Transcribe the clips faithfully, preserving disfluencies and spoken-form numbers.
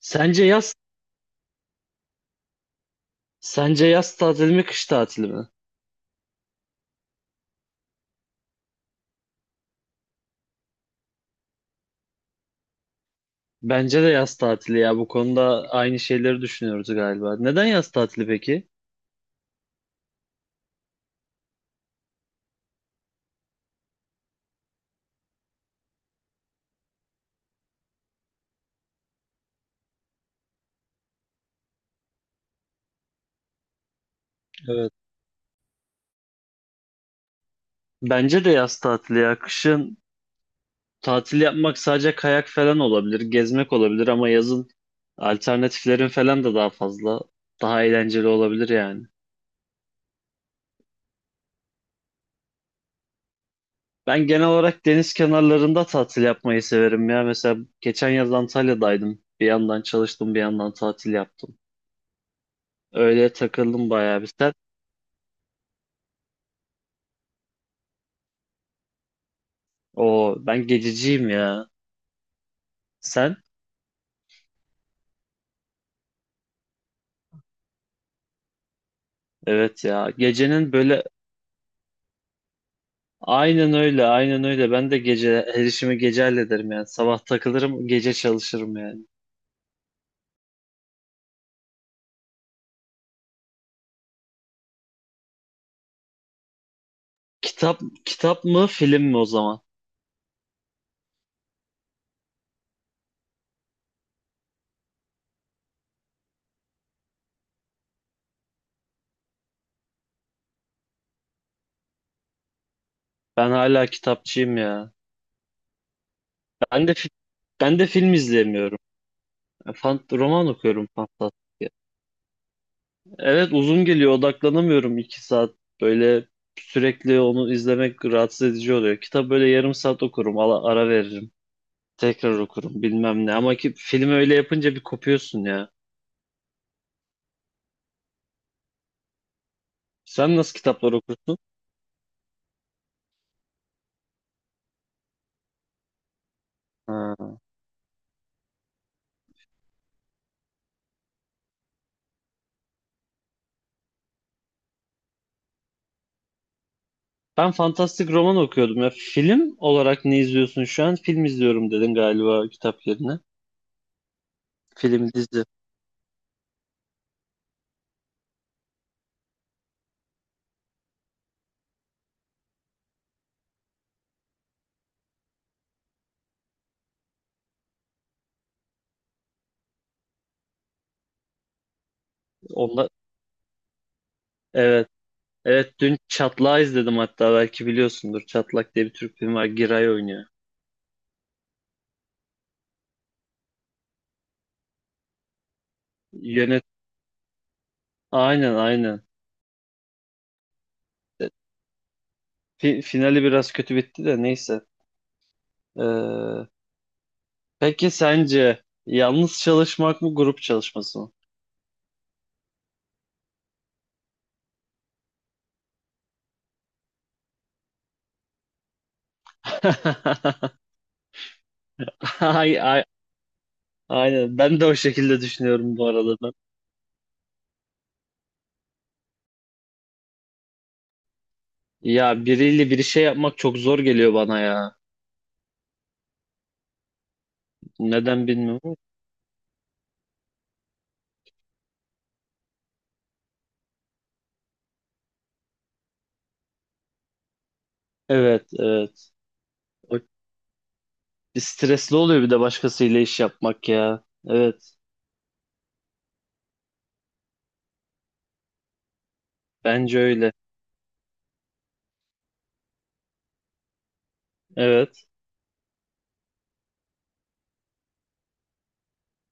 Sence yaz sence yaz tatili mi kış tatili mi? Bence de yaz tatili ya. Bu konuda aynı şeyleri düşünüyoruz galiba. Neden yaz tatili peki? Evet. Bence de yaz tatili ya. Kışın tatil yapmak sadece kayak falan olabilir, gezmek olabilir ama yazın alternatiflerin falan da daha fazla, daha eğlenceli olabilir yani. Ben genel olarak deniz kenarlarında tatil yapmayı severim ya. Mesela geçen yaz Antalya'daydım. Bir yandan çalıştım, bir yandan tatil yaptım. Öyle takıldım bayağı bir. O ben gececiyim ya. Sen? Evet ya. Gecenin böyle aynen öyle, aynen öyle. Ben de gece her işimi gece hallederim yani. Sabah takılırım, gece çalışırım yani. Kitap kitap mı, film mi o zaman? Ben hala kitapçıyım ya. Ben de fi- Ben de film izleyemiyorum. E, Fan, roman okuyorum fantastik. Evet uzun geliyor, odaklanamıyorum. İki saat böyle sürekli onu izlemek rahatsız edici oluyor. Kitap böyle yarım saat okurum, ala- ara veririm. Tekrar okurum bilmem ne ama ki film öyle yapınca bir kopuyorsun ya. Sen nasıl kitaplar okursun? Ha. Ben fantastik roman okuyordum ya. Film olarak ne izliyorsun şu an? Film izliyorum dedin galiba kitap yerine. Film, dizi. Onlar... Evet. Evet, dün Çatlak'ı izledim, hatta belki biliyorsundur. Çatlak diye bir Türk filmi var. Giray oynuyor. Yönet... Aynen aynen. E, Fi- finali biraz kötü bitti de neyse. Ee, peki sence yalnız çalışmak mı grup çalışması mı? Ay, ay, aynen. Ben de o şekilde düşünüyorum bu arada ben. Ya biriyle bir şey yapmak çok zor geliyor bana ya. Neden bilmiyorum. Evet, evet. O stresli oluyor bir de başkasıyla iş yapmak ya. Evet, bence öyle. Evet.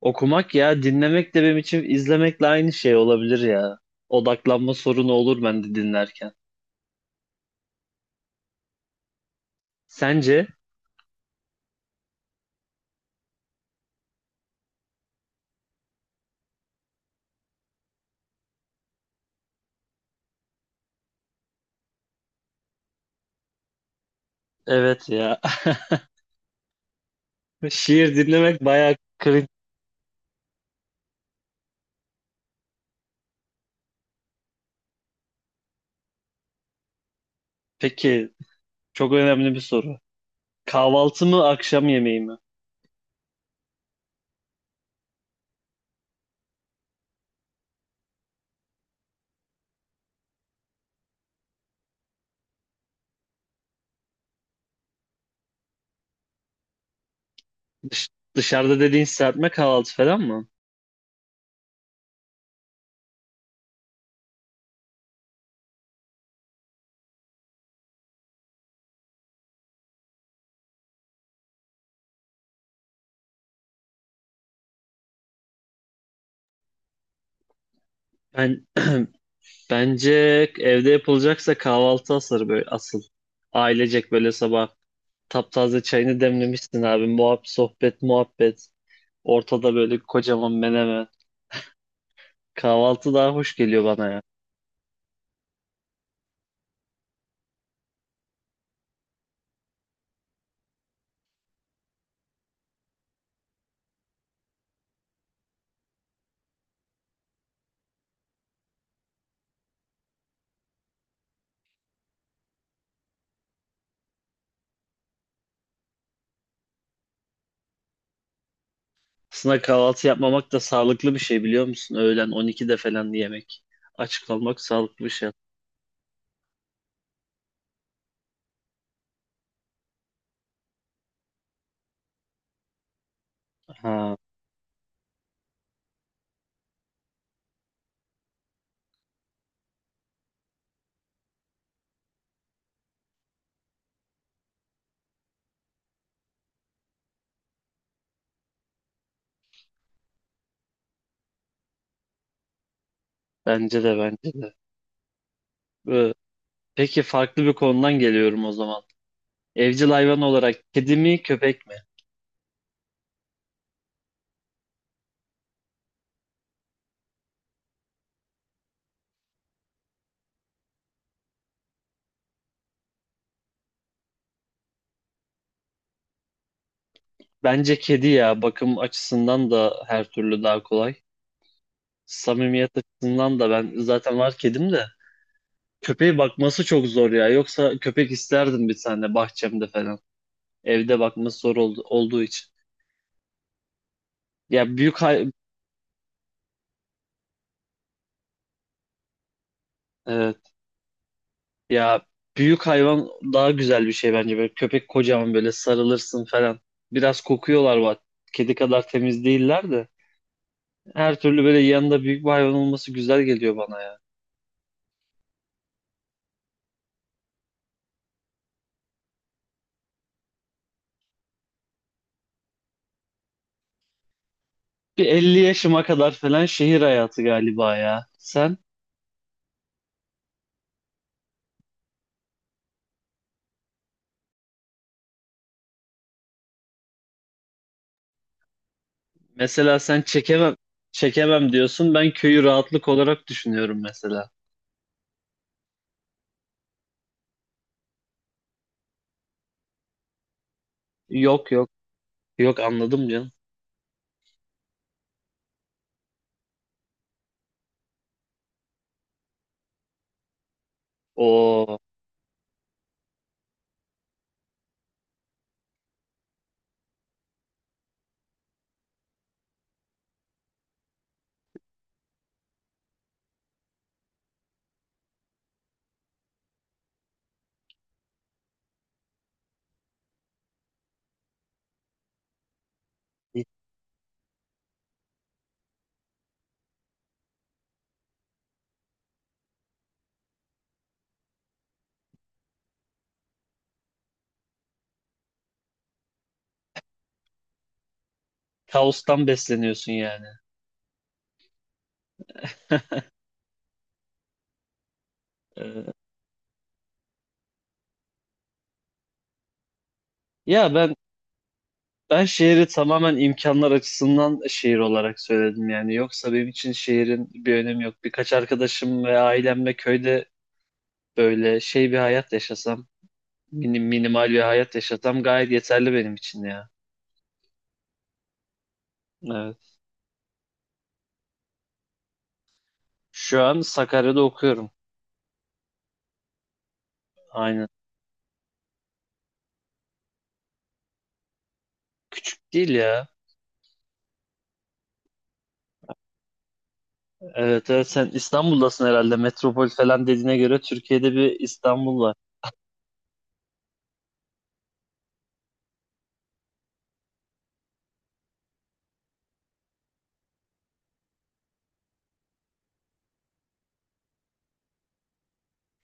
Okumak ya, dinlemek de benim için izlemekle aynı şey olabilir ya. Odaklanma sorunu olur bende dinlerken. Sence? Evet ya. Şiir dinlemek bayağı cringe. Peki, çok önemli bir soru. Kahvaltı mı, akşam yemeği mi? Dış- dışarıda dediğin serpme kahvaltı falan mı? Ben bence evde yapılacaksa kahvaltı asır böyle asıl. Ailecek böyle sabah taptaze çayını demlemişsin abi. Muhabbet, sohbet, muhabbet. Ortada böyle kocaman menemen. Kahvaltı daha hoş geliyor bana ya. Aslında kahvaltı yapmamak da sağlıklı bir şey biliyor musun? Öğlen on ikide falan yemek. Aç kalmak sağlıklı bir şey. Ha, bence de bence de. Ee, Peki farklı bir konudan geliyorum o zaman. Evcil hayvan olarak kedi mi köpek mi? Bence kedi ya, bakım açısından da her türlü daha kolay. Samimiyet açısından da ben zaten var kedim de. Köpeğe bakması çok zor ya. Yoksa köpek isterdim bir tane bahçemde falan. Evde bakması zor oldu, olduğu için. Ya büyük hay evet. Ya büyük hayvan daha güzel bir şey bence. Böyle köpek kocaman, böyle sarılırsın falan. Biraz kokuyorlar bak. Kedi kadar temiz değiller de. Her türlü böyle yanında büyük bir hayvan olması güzel geliyor bana. Bir elli yaşıma kadar falan şehir hayatı galiba ya. Sen mesela, sen çekemem çekemem diyorsun. Ben köyü rahatlık olarak düşünüyorum mesela. Yok yok yok anladım canım. O, kaostan besleniyorsun yani. Ee, ya ben ben şehri tamamen imkanlar açısından şehir olarak söyledim yani. Yoksa benim için şehrin bir önemi yok. Birkaç arkadaşım ve ailemle köyde böyle şey bir hayat yaşasam, minim, minimal bir hayat yaşasam gayet yeterli benim için ya. Evet. Şu an Sakarya'da okuyorum. Aynen. Küçük değil ya. Evet evet, sen İstanbul'dasın herhalde. Metropol falan dediğine göre Türkiye'de bir İstanbul var.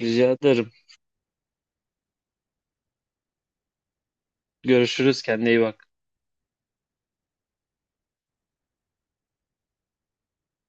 Rica ederim. Görüşürüz. Kendine iyi bak.